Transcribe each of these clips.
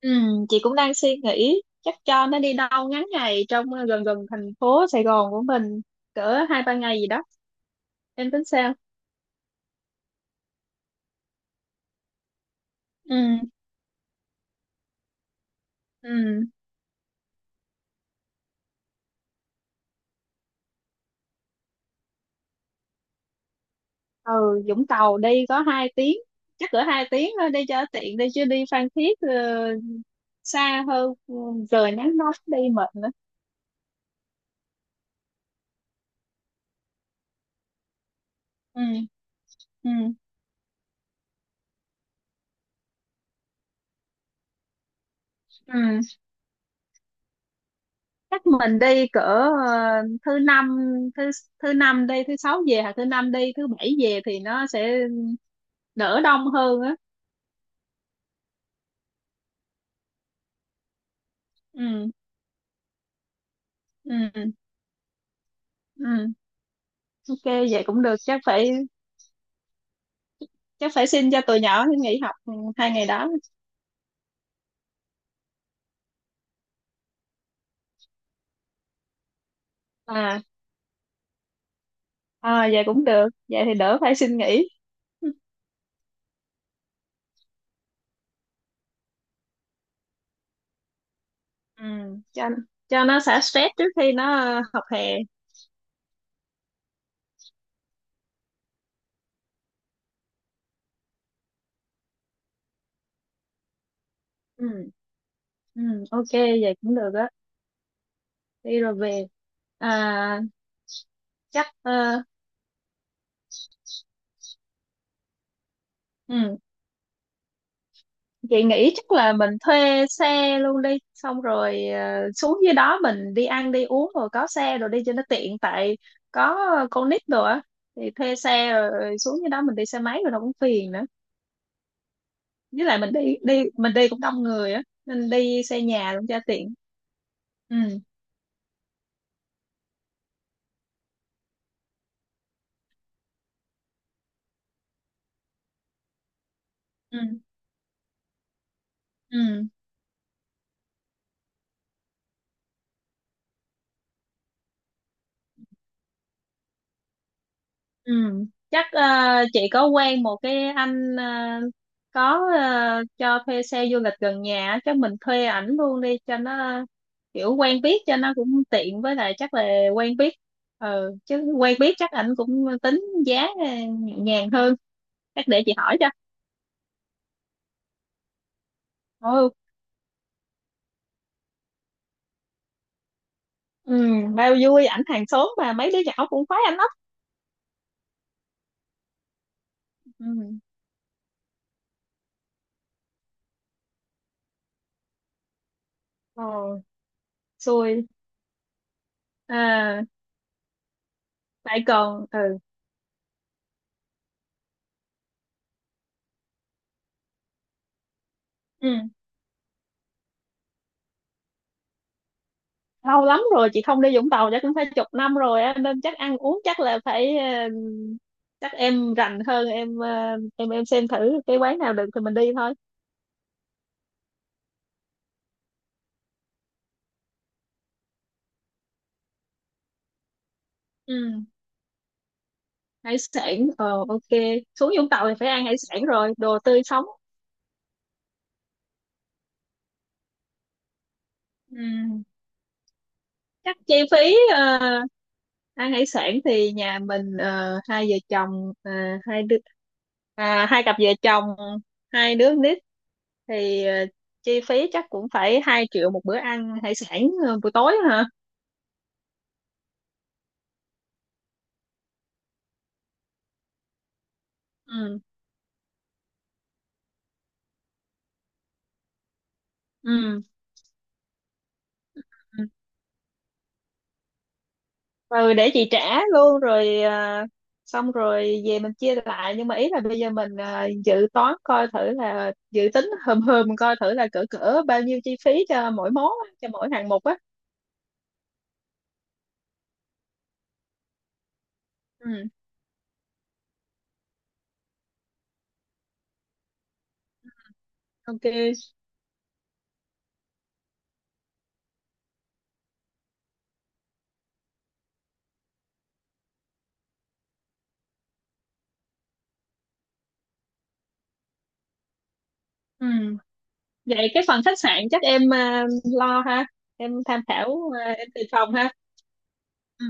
Ừ, chị cũng đang suy nghĩ chắc cho nó đi đâu ngắn ngày trong gần gần thành phố Sài Gòn của mình cỡ hai ba ngày gì đó. Em tính sao? Ừ, ừ, ừ. Vũng Tàu đi có hai tiếng, chắc cỡ hai tiếng thôi đi cho tiện, đi chứ đi Phan Thiết xa hơn, trời nắng nóng đi mệt nữa. Ừ, ừ, ừ. Chắc mình đi cỡ ờ, thứ năm thứ thứ năm đi thứ sáu về, hoặc thứ năm đi thứ bảy về thì nó sẽ đỡ đông hơn á. Ừ, ừ, ừ. Ok, vậy cũng được, chắc phải xin cho tụi nhỏ nó nghỉ học hai ngày đó. À, à, vậy cũng được, vậy thì đỡ phải xin nghỉ. Ừ. cho cho nó xả stress trước khi nó học hè. Ừ. Ừ. Ok, vậy cũng được á, đi rồi về. À, chắc ừ. Chị nghĩ chắc là mình thuê xe luôn đi, xong rồi xuống dưới đó mình đi ăn đi uống rồi có xe rồi đi cho nó tiện, tại có con nít rồi á, thì thuê xe, rồi xuống dưới đó mình đi xe máy rồi nó cũng phiền nữa. Với lại mình đi, cũng đông người á, nên đi xe nhà luôn cho tiện. Ừ, ừ, ừ. Ừ, chắc chị có quen một cái anh, cho thuê xe du lịch gần nhà á, chắc mình thuê ảnh luôn đi cho nó kiểu quen biết, cho nó cũng tiện, với lại chắc là quen biết. Ừ, chứ quen biết chắc ảnh cũng tính giá nhẹ nhàng hơn. Chắc để chị hỏi cho. Ừ, ừ. Bao vui, ảnh hàng xóm mà, mấy đứa nhỏ cũng khoái ảnh lắm. Ừ. Ờ. Xui. À. Lại còn ừ, ừ. Lâu lắm rồi chị không đi Vũng Tàu, chắc cũng phải chục năm rồi á, nên chắc ăn uống chắc là phải chắc em rành hơn, em em xem thử cái quán nào được thì mình đi thôi. Ừ. Hải sản ok, xuống Vũng Tàu thì phải ăn hải sản rồi, đồ tươi sống. Ừ, chắc chi phí ăn hải sản thì nhà mình hai vợ chồng, hai đứa, à, hai cặp vợ chồng, hai đứa nít thì chi phí chắc cũng phải 2 triệu một bữa ăn hải sản buổi tối hả? Ừ, ừ, ừ. Ừ, để chị trả luôn, rồi xong rồi về mình chia lại. Nhưng mà ý là bây giờ mình dự toán coi thử, là dự tính hờm hờm coi thử là cỡ cỡ bao nhiêu chi phí cho mỗi món á, cho mỗi hạng mục á. Ừ. Ok. Ừ. Vậy cái phần khách sạn chắc em lo ha? Em tham khảo, à, em tìm phòng ha. Ừ.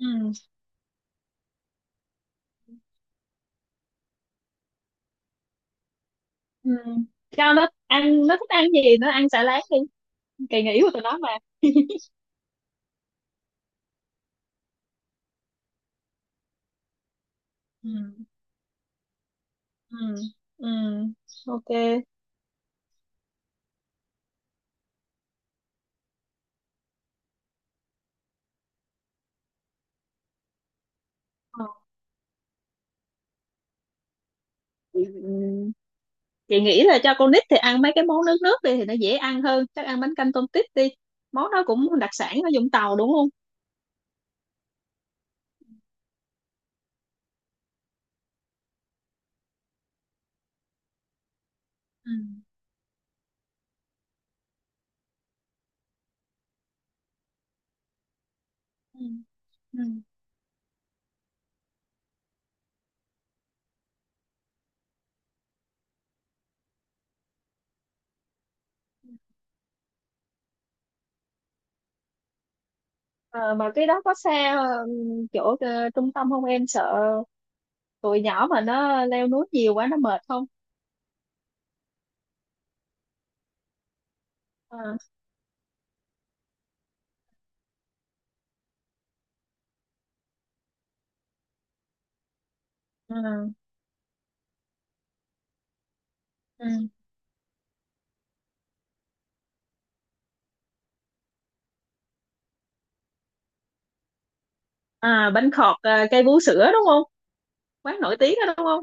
Ừ. Ừ. Cho nó ăn, nó thích ăn gì nó ăn xả láng đi, kỳ nghỉ của tụi nó mà. Ừ. Ừ. Ừ. Ok. Ờ. Ừ. Chị nghĩ là cho con nít thì ăn mấy cái món nước nước đi, thì nó dễ ăn hơn, chắc ăn bánh canh tôm tít đi. Món đó cũng đặc sản ở Vũng Tàu đúng không? Ừ. Ừ. Ừ. Ờ, mà cái đó có xa ừ, chỗ trung tâm không? Em sợ tụi nhỏ mà nó leo núi nhiều quá nó mệt không? À, à, ừ. À bánh khọt, à, cây vú sữa đúng không? Quán nổi tiếng đó đúng không?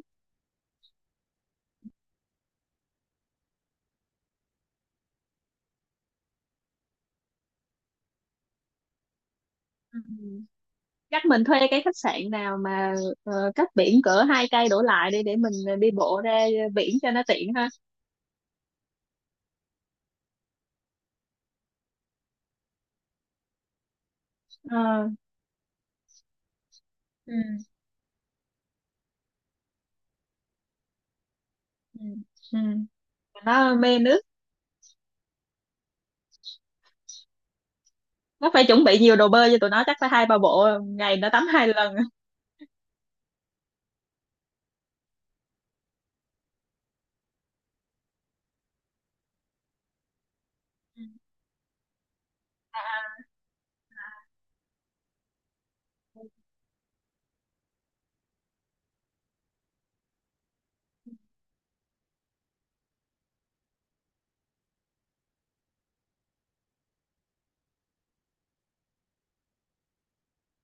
Ừ. Chắc mình thuê cái khách sạn nào mà cách biển cỡ hai cây đổ lại đi, để mình đi bộ ra biển cho nó tiện ha. Ờ, ừ. Ừ. Ừ. Nó mê nước, nó phải chuẩn bị nhiều đồ bơi cho tụi nó, chắc phải hai ba bộ, ngày nó tắm hai lần.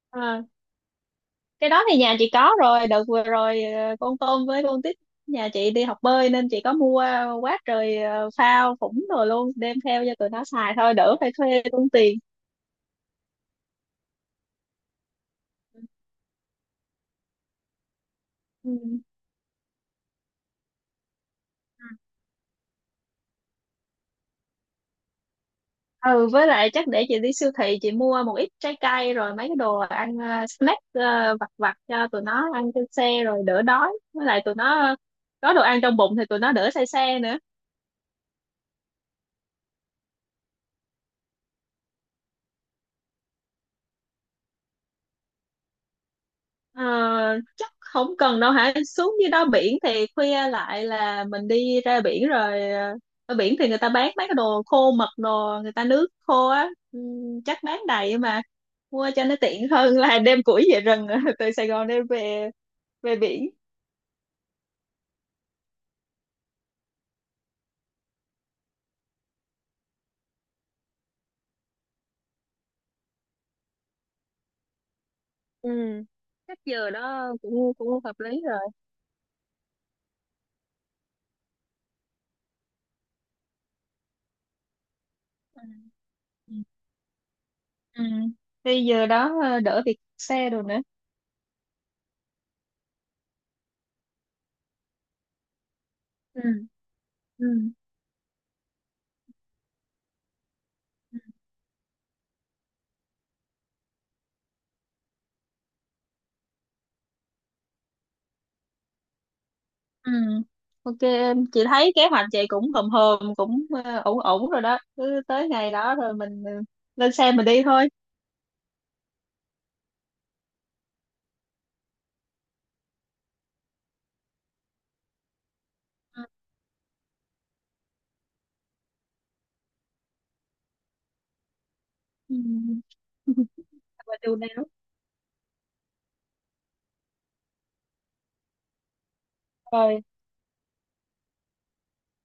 Ờ, cái đó thì nhà chị có rồi, đợt vừa rồi con tôm với con tít nhà chị đi học bơi, nên chị có mua quá trời phao phủng rồi, luôn đem theo cho tụi nó xài thôi, đỡ phải thuê tốn tiền. Ừ. Ừ, với lại chắc để chị đi siêu thị chị mua một ít trái cây, rồi mấy cái đồ ăn snack vặt vặt cho tụi nó ăn trên xe rồi đỡ đói. Với lại tụi nó có đồ ăn trong bụng thì tụi nó đỡ say xe nữa. Ờ, chắc không cần đâu hả, xuống dưới đó biển thì khuya lại là mình đi ra biển rồi, ở biển thì người ta bán mấy cái đồ khô mật đồ, người ta nước khô á, chắc bán đầy mà, mua cho nó tiện hơn là đem củi về rừng từ Sài Gòn đem về về biển. Ừ, chắc giờ đó cũng cũng hợp lý rồi. Ừ. Ừ. Thì giờ đó đỡ việc xe đồ nữa. Ừ. Ừ. Ừ. Ok em, chị thấy kế hoạch chị cũng hòm hòm cũng ổn ổn rồi đó. Cứ tới ngày đó rồi mình lên xe mình đi thôi. Ừ. Và điều nào. Rồi,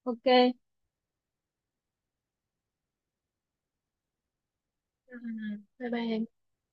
ok. Ừ, bye bye em.